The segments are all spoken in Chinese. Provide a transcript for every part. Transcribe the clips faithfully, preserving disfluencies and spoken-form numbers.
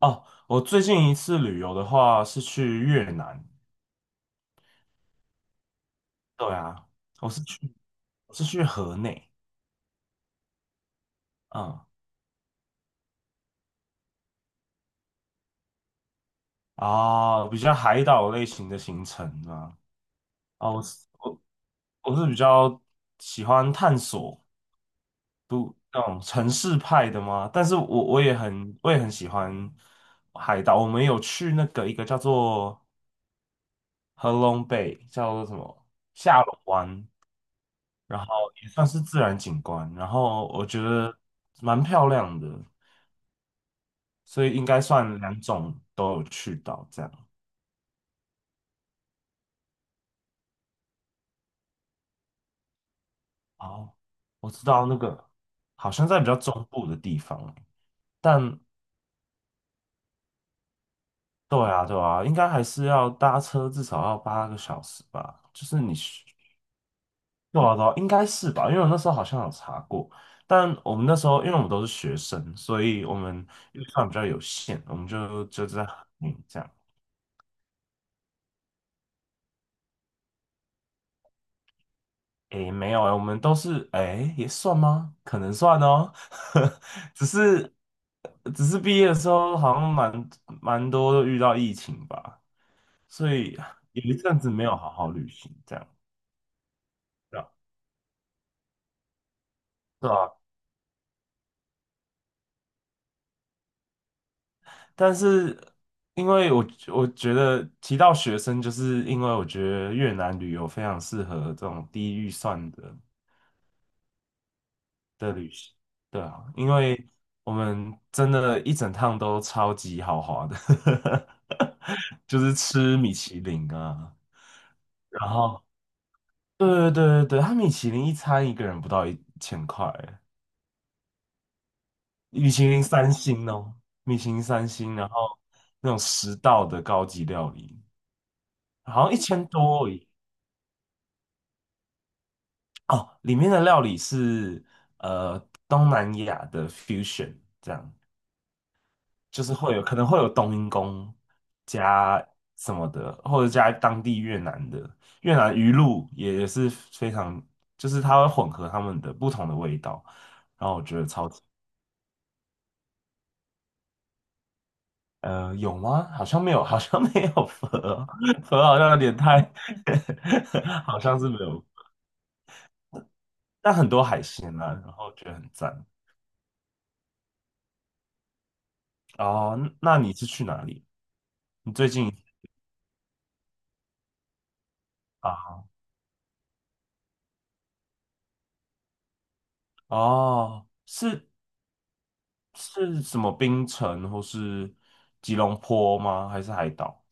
哦，我最近一次旅游的话是去越南，对啊，我是去我是去河内。嗯，啊，比较海岛类型的行程啊。哦，我是我我是比较喜欢探索那种城市派的嘛，但是我我也很我也很喜欢海岛。我们有去那个一个叫做合龙贝，叫做什么下龙湾，然后也算是自然景观，然后我觉得蛮漂亮的。所以应该算两种都有去到这样。哦，我知道那个好像在比较中部的地方，但对啊对啊，应该还是要搭车至少要八个小时吧，就是你需对啊对啊，应该是吧，因为我那时候好像有查过。但我们那时候因为我们都是学生，所以我们预算比较有限，我们就就在嗯这样。诶，没有诶，我们都是诶，也算吗？可能算哦，只是只是毕业的时候好像蛮蛮多都遇到疫情吧，所以有一阵子没有好好旅行，这样对啊，对啊。但是因为我我觉得提到学生，就是因为我觉得越南旅游非常适合这种低预算的的旅行。对啊，因为我们真的一整趟都超级豪华的，就是吃米其林啊。然后对对对对对，它米其林一餐一个人不到一千块，米其林三星哦，米其林三星，然后那种十道的高级料理，好像一千多而已哦。里面的料理是呃东南亚的 fusion 这样。就是会有可能会有冬阴功加什么的，或者加当地越南的越南鱼露也是非常，就是它会混合它们的不同的味道。呃，有吗？好像没有，好像没有河，河好像有点太 好像是没有。但很多海鲜啊，然后觉得很赞。哦，那你是去哪里？你最近啊？哦，是是什么槟城或是吉隆坡吗？还是海岛？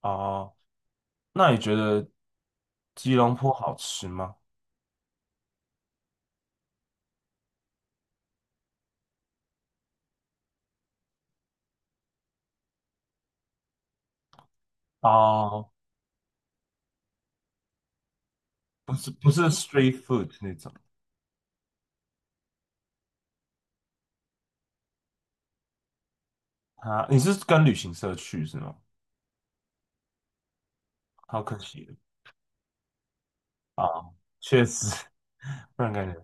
哦，那你觉得吉隆坡好吃吗？哦，不是不是 street food 那种啊。你是跟旅行社去是吗？好可惜啊，确实，不然感觉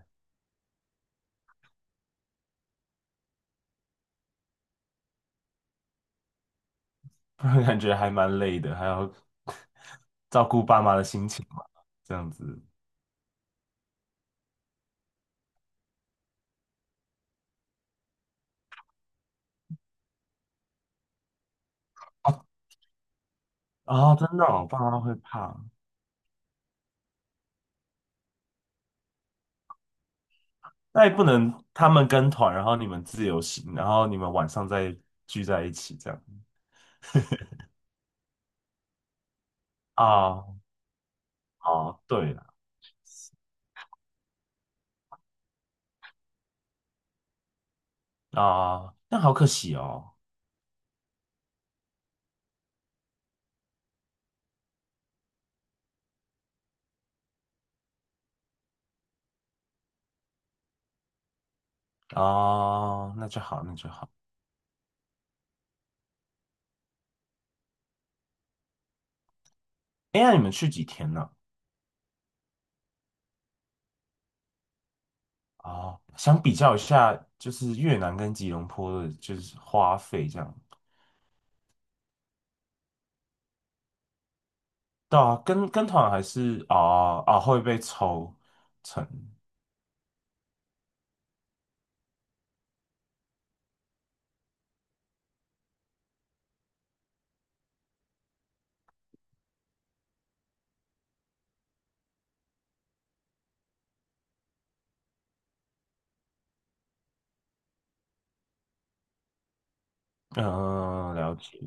不然感觉还蛮累的，还要 照顾爸妈的心情嘛，这样子。哦，哦，真的哦，爸妈会怕。那也不能他们跟团，然后你们自由行，然后你们晚上再聚在一起这样。啊，哦，对了，啊，那好可惜哦。哦，那就好，那就好。哎，那你们去几天呢？哦，想比较一下，就是越南跟吉隆坡的，就是花费这样。对啊，跟跟团还是啊啊会被抽成。嗯、了解。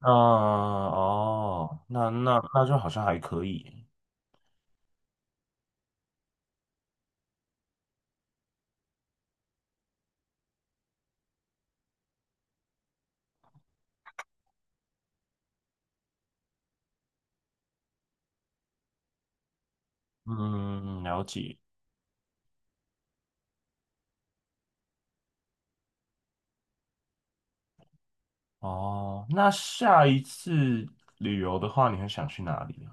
嗯、哦，那那那就好像还可以。嗯，了解。哦，那下一次旅游的话，你会想去哪里呢？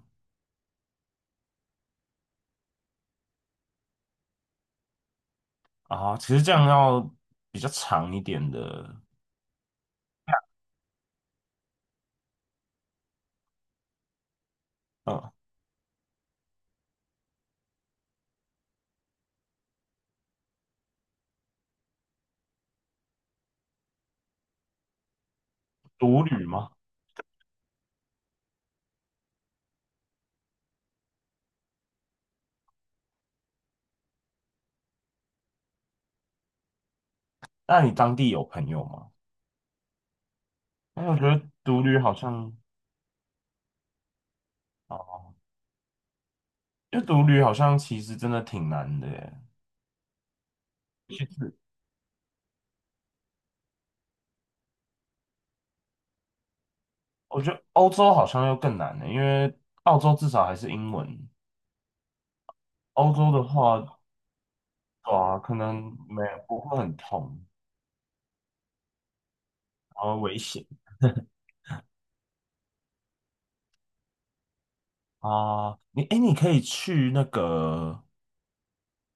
啊，其实这样要比较长一点的。嗯。独旅吗？那你当地有朋友吗？哎，我觉得独旅好像哦，因为独旅好像其实真的挺难的耶。我觉得欧洲好像又更难了，因为澳洲至少还是英文。欧洲的话，对啊，可能没不会很痛，然后危险啊。你哎，你可以去那个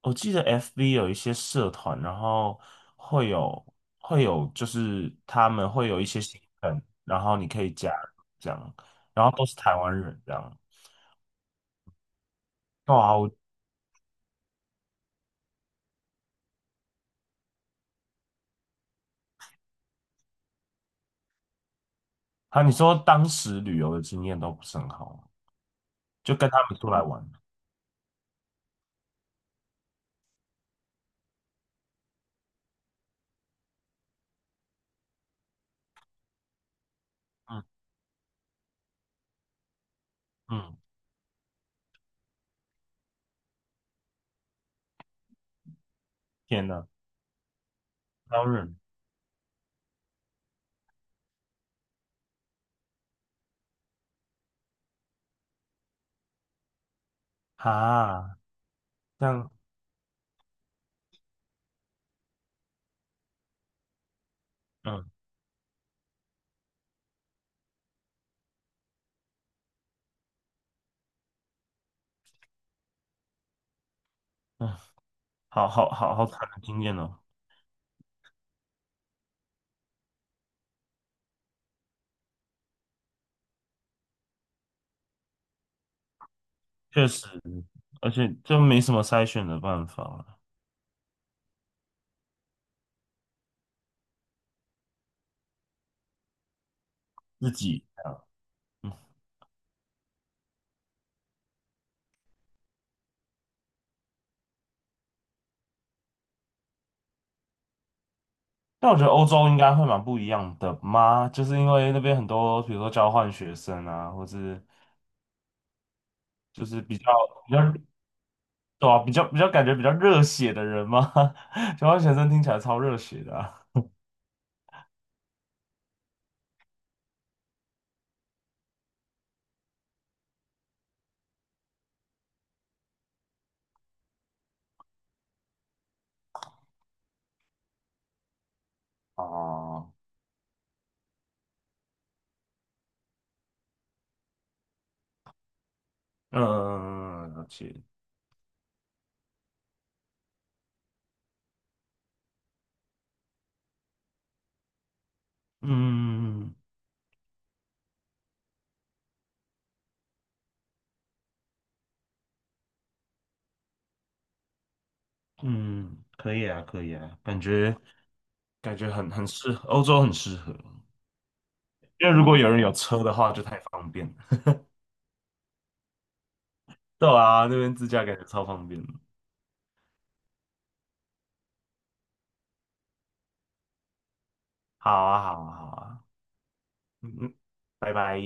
我记得 F B 有一些社团，然后会有会有，就是他们会有一些行程，然后你可以加入这样，然后都是台湾人这样。哇，我啊，你说当时旅游的经验都不是很好，就跟他们出来玩。嗯嗯，天呐，超人啊，这样，嗯嗯，好好好好惨的经验哦。确实，而且就没什么筛选的办法了，自己这样。但我觉得欧洲应该会蛮不一样的嘛，就是因为那边很多，比如说交换学生啊，或是就是比较比较对啊，比较比较感觉比较热血的人嘛。交换学生听起来超热血的啊。哦，嗯，了解，嗯嗯，可以啊，可以啊，感觉感觉很很适合，欧洲很适合，因为如果有人有车的话就太方便了。对啊，那边自驾感觉超方便的好啊，好啊，好啊，嗯嗯，拜拜。